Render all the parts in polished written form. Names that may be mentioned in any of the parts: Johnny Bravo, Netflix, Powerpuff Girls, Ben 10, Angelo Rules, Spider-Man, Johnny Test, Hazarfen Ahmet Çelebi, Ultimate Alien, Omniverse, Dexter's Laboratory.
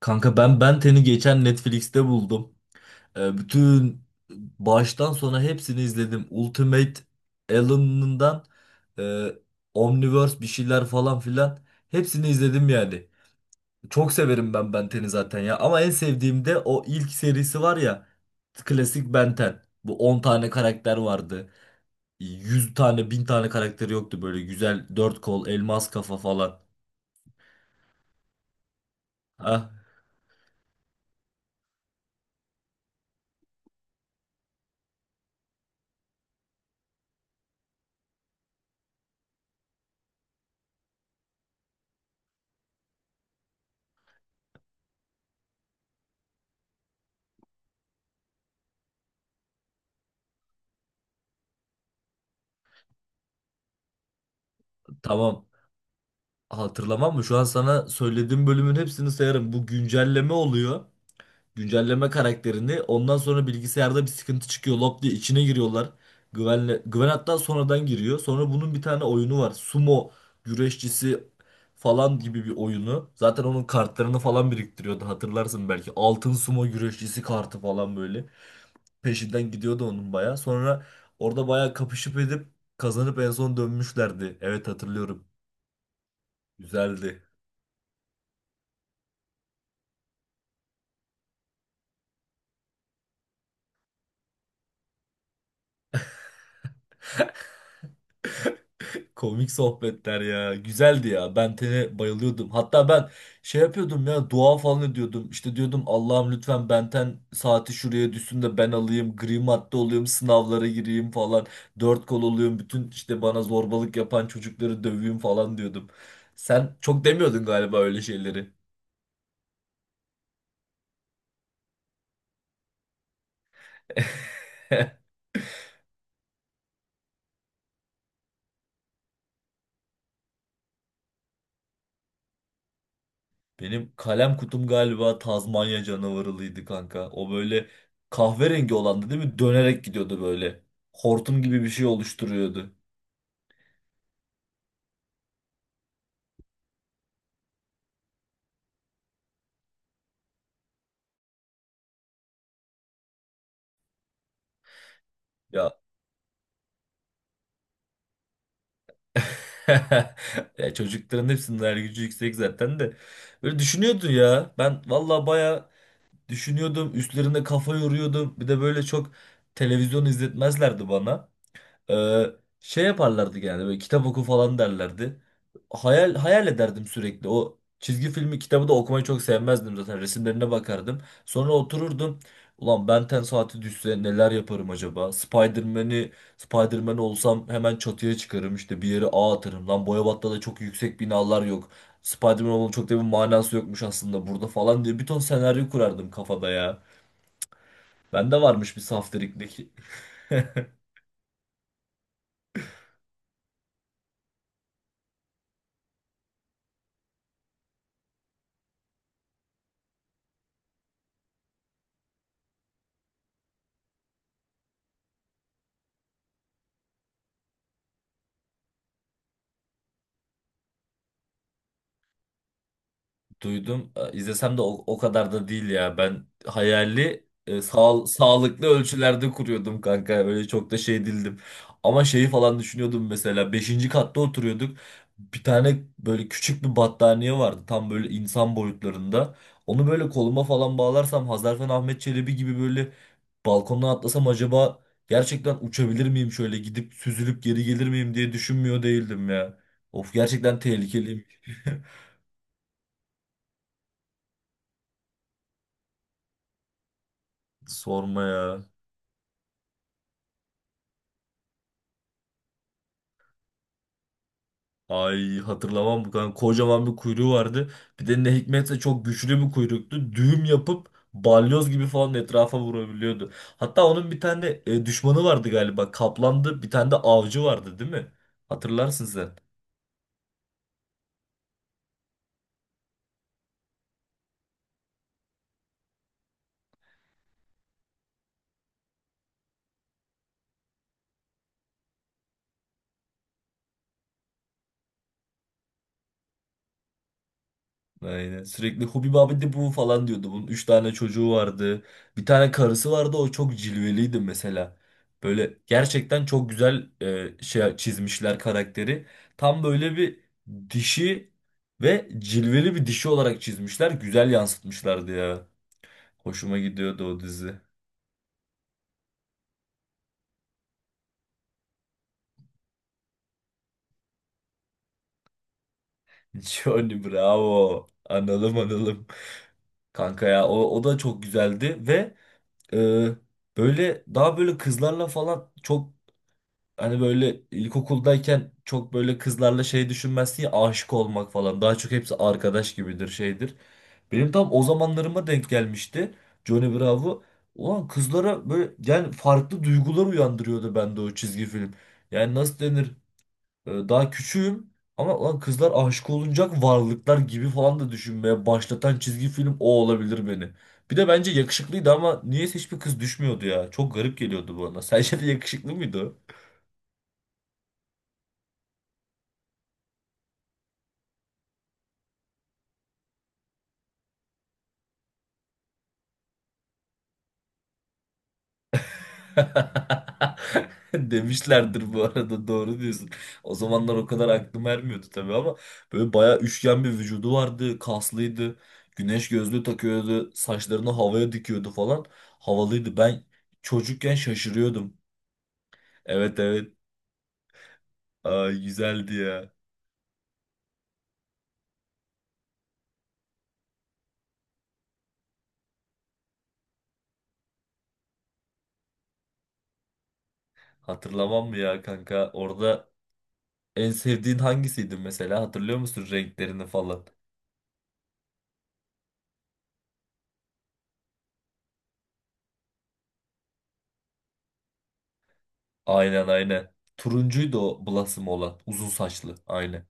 Kanka ben Benten'i geçen Netflix'te buldum. Bütün baştan sona hepsini izledim. Ultimate Alien'ından e, Omniverse bir şeyler falan filan hepsini izledim yani. Çok severim ben Benten'i zaten ya. Ama en sevdiğim de o ilk serisi var ya. Klasik Benten. Bu 10 tane karakter vardı. 100 tane 1000 tane karakteri yoktu böyle güzel dört kol elmas kafa falan. Ah, tamam. Hatırlamam mı? Şu an sana söylediğim bölümün hepsini sayarım. Bu güncelleme oluyor. Güncelleme karakterini. Ondan sonra bilgisayarda bir sıkıntı çıkıyor. Lop diye içine giriyorlar. Güvenle, Güven hatta sonradan giriyor. Sonra bunun bir tane oyunu var. Sumo güreşçisi falan gibi bir oyunu. Zaten onun kartlarını falan biriktiriyordu. Hatırlarsın belki. Altın sumo güreşçisi kartı falan böyle. Peşinden gidiyordu onun baya. Sonra orada baya kapışıp edip kazanıp en son dönmüşlerdi. Evet, hatırlıyorum. Güzeldi. Komik sohbetler ya. Güzeldi ya. Ben Ten'e bayılıyordum. Hatta ben şey yapıyordum ya, dua falan ediyordum. İşte diyordum Allah'ım lütfen Ben Ten saati şuraya düşsün de ben alayım. Gri madde olayım, sınavlara gireyim falan. Dört kol olayım. Bütün işte bana zorbalık yapan çocukları döveyim falan diyordum. Sen çok demiyordun galiba öyle şeyleri. Benim kalem kutum galiba Tazmanya canavarılıydı kanka. O böyle kahverengi olandı, değil mi? Dönerek gidiyordu böyle. Hortum gibi bir şey oluşturuyordu. Ya, ya çocukların hepsinin hayal gücü yüksek zaten de. Böyle düşünüyordun ya. Ben valla baya düşünüyordum. Üstlerine kafa yoruyordum. Bir de böyle çok televizyon izletmezlerdi bana. Ee, Şey yaparlardı yani, böyle kitap oku falan derlerdi. Hayal hayal ederdim sürekli. O çizgi filmi kitabı da okumayı çok sevmezdim zaten. Resimlerine bakardım. Sonra otururdum. Ulan Ben 10 saati düşse neler yaparım acaba? Spider-Man olsam hemen çatıya çıkarım, işte bir yere ağ atarım. Lan Boyabat'ta da çok yüksek binalar yok. Spider-Man olmanın çok da bir manası yokmuş aslında burada falan diye bir ton senaryo kurardım kafada ya. Bende varmış bir saftiriklik. Duydum. İzlesem de o kadar da değil ya. Ben hayali sağlıklı ölçülerde kuruyordum kanka. Öyle çok da şey değildim. Ama şeyi falan düşünüyordum mesela. Beşinci katta oturuyorduk. Bir tane böyle küçük bir battaniye vardı. Tam böyle insan boyutlarında. Onu böyle koluma falan bağlarsam Hazarfen Ahmet Çelebi gibi böyle balkondan atlasam acaba gerçekten uçabilir miyim, şöyle gidip süzülüp geri gelir miyim diye düşünmüyor değildim ya. Of, gerçekten tehlikeliyim. Sorma ya. Ay, hatırlamam bu kadar. Kocaman bir kuyruğu vardı. Bir de ne hikmetse çok güçlü bir kuyruktu. Düğüm yapıp balyoz gibi falan etrafa vurabiliyordu. Hatta onun bir tane düşmanı vardı galiba. Kaplandı. Bir tane de avcı vardı, değil mi? Hatırlarsın sen. Aynen. Sürekli Hubi abi bu falan diyordu. Bunun üç tane çocuğu vardı. Bir tane karısı vardı. O çok cilveliydi mesela. Böyle gerçekten çok güzel şey çizmişler karakteri. Tam böyle bir dişi ve cilveli bir dişi olarak çizmişler. Güzel yansıtmışlardı ya. Hoşuma gidiyordu o dizi. Johnny Bravo. Analım analım. Kanka ya o da çok güzeldi ve e, böyle daha böyle kızlarla falan çok, hani böyle ilkokuldayken çok böyle kızlarla şey düşünmezsin ya, aşık olmak falan. Daha çok hepsi arkadaş gibidir, şeydir. Benim tam o zamanlarıma denk gelmişti Johnny Bravo. Ulan kızlara böyle yani farklı duygular uyandırıyordu bende o çizgi film. Yani nasıl denir? Daha küçüğüm ama ulan kızlar aşık olunacak varlıklar gibi falan da düşünmeye başlatan çizgi film o olabilir beni. Bir de bence yakışıklıydı ama niyeyse hiçbir kız düşmüyordu ya. Çok garip geliyordu bana. Sence de yakışıklı mıydı o? Demişlerdir, bu arada doğru diyorsun. O zamanlar o kadar aklım ermiyordu tabii ama böyle bayağı üçgen bir vücudu vardı, kaslıydı. Güneş gözlüğü takıyordu, saçlarını havaya dikiyordu falan. Havalıydı. Ben çocukken şaşırıyordum. Evet, evet. Ay, güzeldi ya. Hatırlamam mı ya kanka? Orada en sevdiğin hangisiydi mesela? Hatırlıyor musun renklerini falan? Aynen, aynen. Turuncuydu o Blossom olan. Uzun saçlı. Aynen.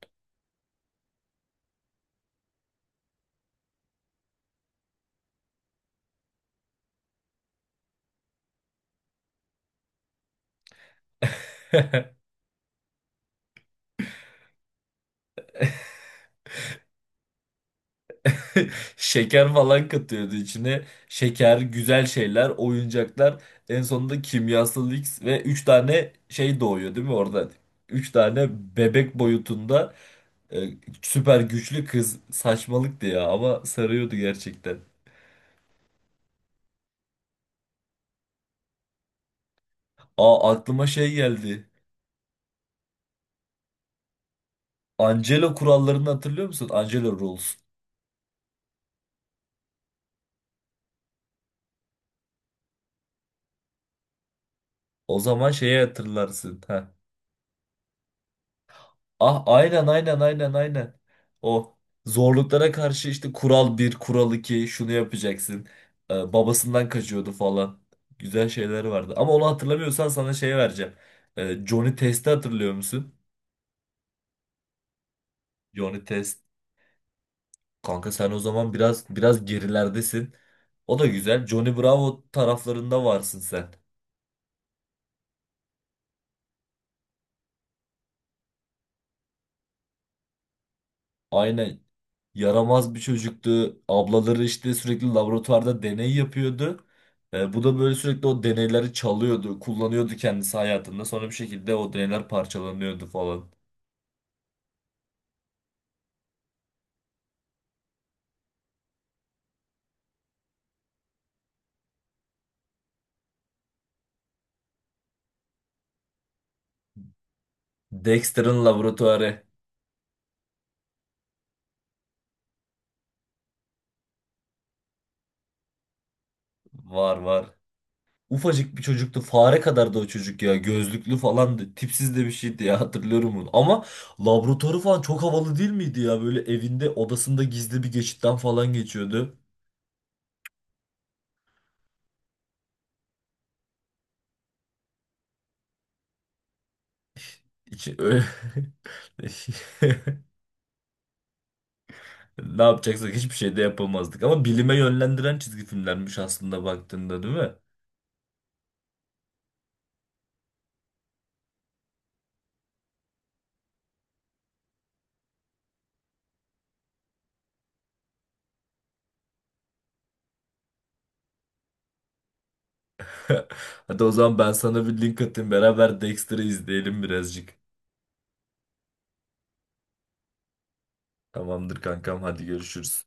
Şeker falan katıyordu içine. Şeker, güzel şeyler, oyuncaklar. En sonunda kimyasal X ve 3 tane şey doğuyor, değil mi oradan? 3 tane bebek boyutunda e, süper güçlü kız. Saçmalıktı ya ama sarıyordu gerçekten. Aa, aklıma şey geldi. Angelo kurallarını hatırlıyor musun? Angelo Rules. O zaman şeyi hatırlarsın. Heh. Ah, aynen aynen aynen aynen. O zorluklara karşı işte kural bir, kural iki, şunu yapacaksın. Babasından kaçıyordu falan. Güzel şeyler vardı. Ama onu hatırlamıyorsan sana şey vereceğim. Johnny Test'i hatırlıyor musun? Johnny Test. Kanka sen o zaman biraz biraz gerilerdesin. O da güzel. Johnny Bravo taraflarında varsın sen. Aynen, yaramaz bir çocuktu. Ablaları işte sürekli laboratuvarda deney yapıyordu. Bu da böyle sürekli o deneyleri çalıyordu, kullanıyordu kendisi hayatında. Sonra bir şekilde o deneyler parçalanıyordu falan. Dexter'ın laboratuvarı, var var. Ufacık bir çocuktu. Fare kadardı o çocuk ya. Gözlüklü falandı. Tipsiz de bir şeydi ya, hatırlıyorum bunu. Ama laboratuvarı falan çok havalı değil miydi ya? Böyle evinde odasında gizli bir geçitten falan geçiyordu. İçi öyle... Ne yapacaksak hiçbir şey de yapamazdık. Ama bilime yönlendiren çizgi filmlermiş aslında baktığında, değil mi? Hadi o zaman ben sana bir link atayım. Beraber Dexter'ı izleyelim birazcık. Tamamdır kankam, hadi görüşürüz.